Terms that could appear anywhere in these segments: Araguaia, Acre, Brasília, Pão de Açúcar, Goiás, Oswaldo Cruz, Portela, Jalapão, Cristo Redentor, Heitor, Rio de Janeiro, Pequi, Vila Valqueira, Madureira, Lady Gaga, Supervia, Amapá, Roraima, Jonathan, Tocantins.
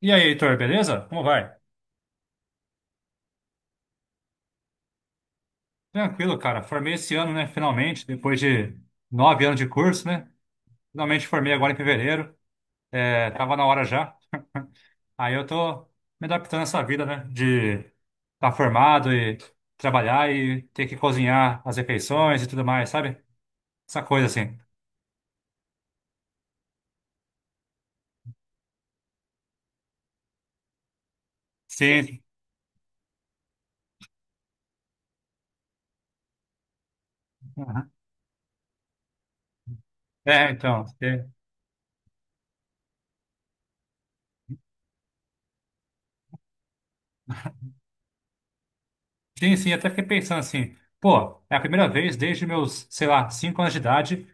E aí, Heitor, beleza? Como vai? Tranquilo, cara. Formei esse ano, né? Finalmente, depois de nove anos de curso, né? Finalmente formei agora em fevereiro. É, tava na hora já. Aí eu tô me adaptando a essa vida, né? De estar tá formado e trabalhar e ter que cozinhar as refeições e tudo mais, sabe? Essa coisa assim. Sim. Aham. É, então. É. Sim, sim, até fiquei pensando assim, pô, é a primeira vez desde meus, sei lá, cinco anos de idade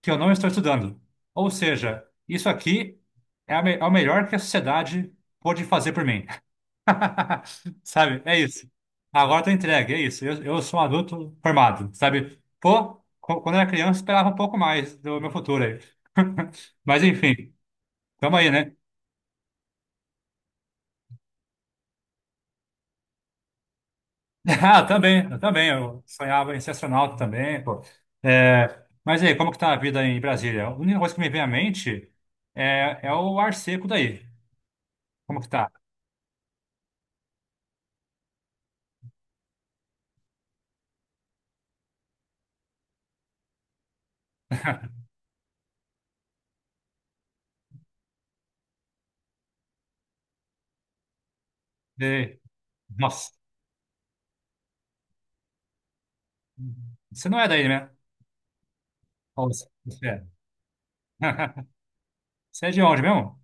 que eu não estou estudando. Ou seja, isso aqui é, é o melhor que a sociedade pôde fazer por mim. Sabe? É isso. Agora eu tô entregue, é isso. Eu sou um adulto formado, sabe? Pô, quando eu era criança, eu esperava um pouco mais do meu futuro aí. Mas enfim, tamo aí, né? Ah, eu também. Eu sonhava em ser astronauta também, pô. É, mas aí, como que tá a vida em Brasília? A única coisa que me vem à mente é, é o ar seco daí. Como que tá? Nossa, você não é daí, né? Palmas, você é. Você é de onde mesmo?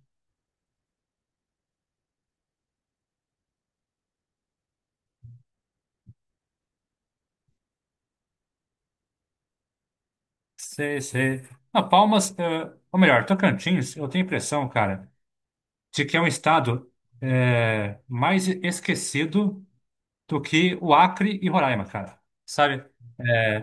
Sei, sei. Ah, Palmas, ou melhor, Tocantins, eu tenho a impressão, cara, de que é um estado mais esquecido do que o Acre e Roraima, cara. Sabe? É,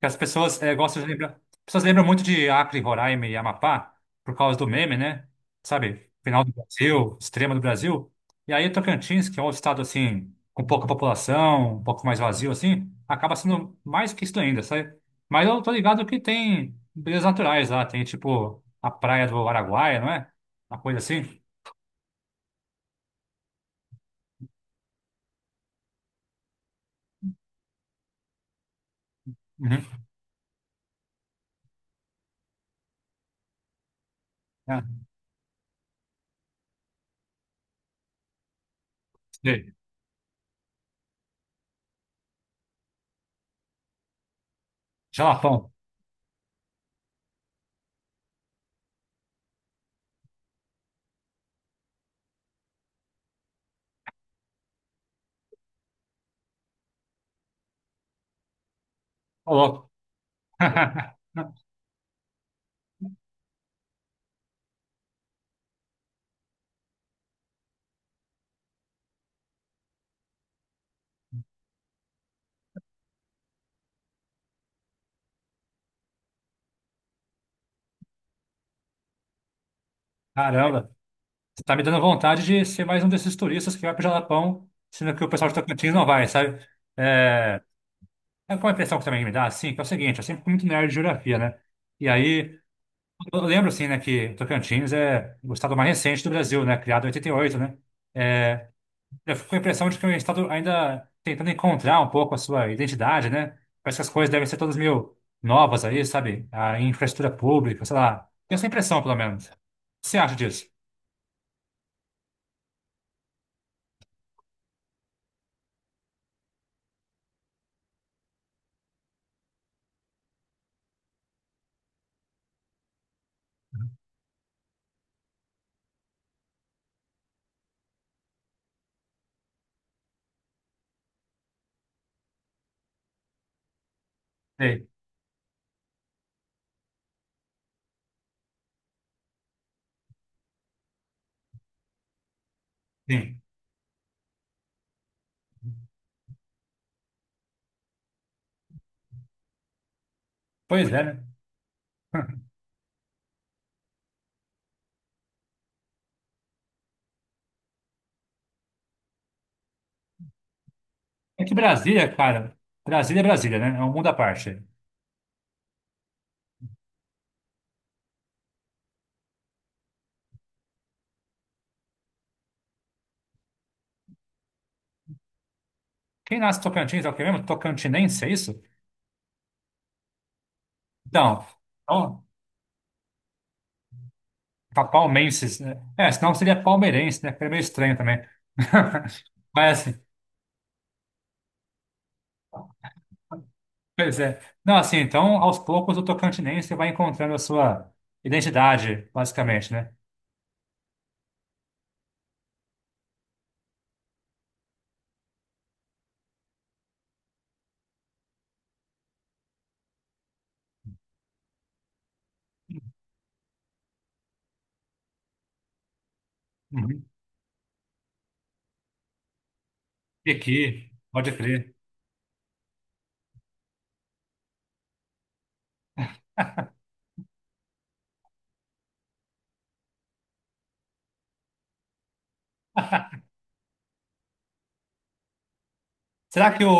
que as pessoas gostam de lembrar. As pessoas lembram muito de Acre, Roraima e Amapá por causa do meme, né? Sabe? Final do Brasil, extrema do Brasil. E aí Tocantins, que é um estado assim, com pouca população, um pouco mais vazio assim, acaba sendo mais que isso ainda, sabe? Mas eu tô ligado que tem belezas naturais lá, tem tipo a praia do Araguaia, não é? Uma coisa assim. Uhum. É. Sei. Jalapão. Ô, louco. Caramba. Você tá me dando vontade de ser mais um desses turistas que vai pro Jalapão, sendo que o pessoal de Tocantins não vai, sabe? É, é uma impressão que também me dá, assim, que é o seguinte, eu sempre fui muito nerd de geografia, né? E aí, eu lembro, assim, né, que Tocantins é o estado mais recente do Brasil, né? Criado em 88, né? É, eu fico com a impressão de que é um estado ainda tentando encontrar um pouco a sua identidade, né? Parece que as coisas devem ser todas meio novas aí, sabe? A infraestrutura pública, sei lá. Tenho essa impressão, pelo menos. O que você acha disso? Sei. Sim. Pois é, né? É que Brasília, cara, Brasília é Brasília, né? É um mundo à parte. Quem nasce em Tocantins é o que mesmo? Tocantinense, é isso? Então, então palmenses, né? É, senão seria palmeirense, né? Que é meio estranho também. Mas assim, pois é. Não, assim, então, aos poucos o tocantinense vai encontrando a sua identidade, basicamente, né? Uhum. Pequi, pode crer. Será que o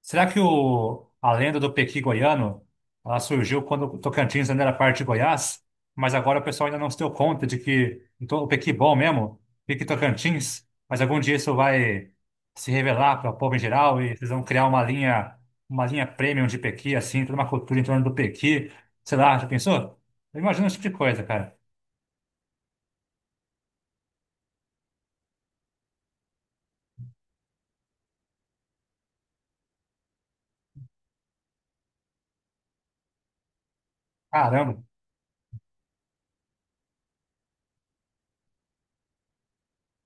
Será que a lenda do Pequi goiano, ela surgiu quando o Tocantins ainda era parte de Goiás, mas agora o pessoal ainda não se deu conta de que então, o Pequi bom mesmo, Pequi Tocantins, mas algum dia isso vai se revelar para o povo em geral e vocês vão criar uma linha premium de Pequi, assim, toda uma cultura em torno do Pequi, sei lá, já pensou? Eu imagino esse tipo de coisa, cara. Caramba.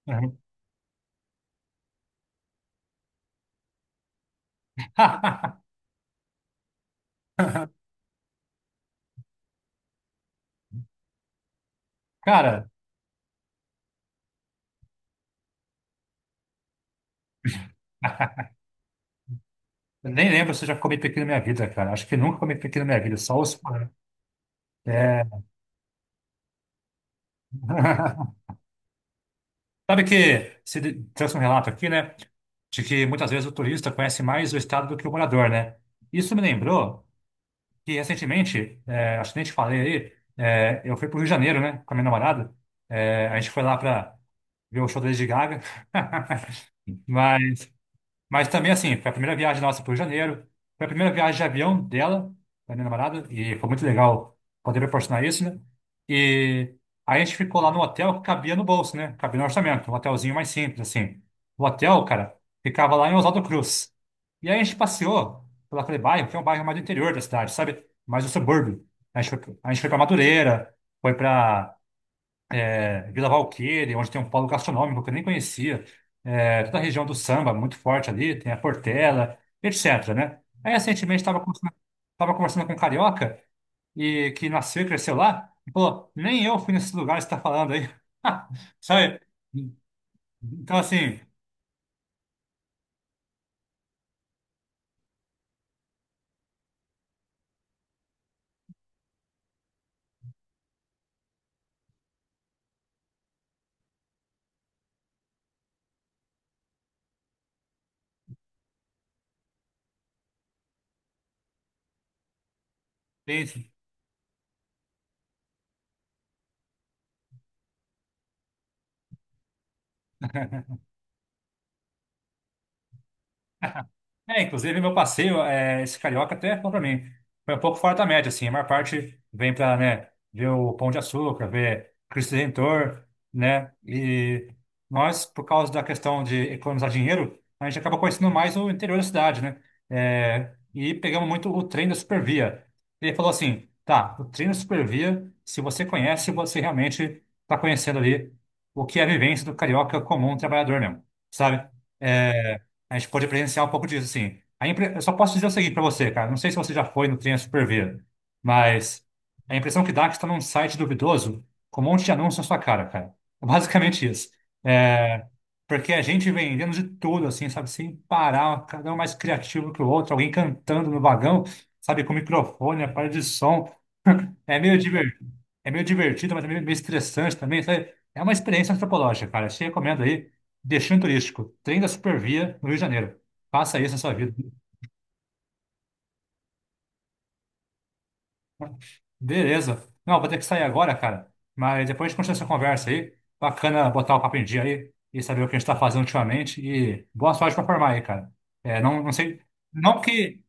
Uhum. Cara, eu nem lembro se eu já comi Pequi na minha vida, cara. Acho que nunca comi Pequi na minha vida, só os... é, sabe que se de- trouxe um relato aqui, né? De que muitas vezes o turista conhece mais o estado do que o morador, né? Isso me lembrou que recentemente, é, acho que nem te falei aí, é, eu fui pro Rio de Janeiro, né? Com a minha namorada. É, a gente foi lá para ver o show da Lady Gaga. Mas Mas também, assim, foi a primeira viagem nossa para o Rio de Janeiro. Foi a primeira viagem de avião dela, da minha namorada, e foi muito legal poder proporcionar isso, né? E aí a gente ficou lá no hotel que cabia no bolso, né? Cabia no orçamento, um hotelzinho mais simples, assim. O hotel, cara, ficava lá em Oswaldo Cruz. E aí a gente passeou por aquele bairro, que é um bairro mais do interior da cidade, sabe? Mais do subúrbio. A gente foi para Madureira, foi para é, Vila Valqueira, onde tem um polo gastronômico que eu nem conhecia, é, toda a região do samba, muito forte ali, tem a Portela, etc, né? Aí, recentemente, tava conversando com um carioca, e que nasceu e cresceu lá, e falou, nem eu fui nesse lugar que você está falando aí. Sabe? Então, assim, tem isso. É, inclusive meu passeio, é, esse carioca até foi pra mim. Foi um pouco fora da média, assim. A maior parte vem pra, né, ver o Pão de Açúcar, ver Cristo Redentor, né? E nós, por causa da questão de economizar dinheiro, a gente acaba conhecendo mais o interior da cidade, né? É, e pegamos muito o trem da Supervia. Ele falou assim, tá, o trem da Supervia, se você conhece, você realmente tá conhecendo ali o que é a vivência do carioca comum trabalhador mesmo, sabe? É, a gente pôde presenciar um pouco disso, assim. A impre... Eu só posso dizer o seguinte para você, cara. Não sei se você já foi no Trem Superver, mas a impressão que dá é que você está num site duvidoso com um monte de anúncio na sua cara, cara. É basicamente isso. É... Porque a gente vendendo de tudo, assim, sabe? Sem parar, cada um mais criativo que o outro, alguém cantando no vagão, sabe? Com microfone, aparelho de som. É meio divertido, é meio divertido, mas também meio estressante também, sabe? É uma experiência antropológica, cara. Eu te recomendo aí, Destino Turístico, Trem da Supervia, no Rio de Janeiro. Faça isso na sua vida. Beleza. Não, vou ter que sair agora, cara. Mas depois a gente continua essa conversa aí. Bacana botar o papo em dia aí e saber o que a gente tá fazendo ultimamente. E boa sorte pra formar aí, cara. É, não, não sei, não que,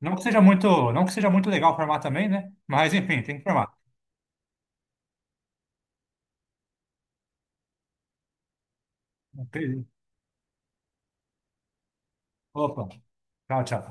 não que seja muito, não que seja muito legal formar também, né? Mas enfim, tem que formar. Opa, tchau, tchau.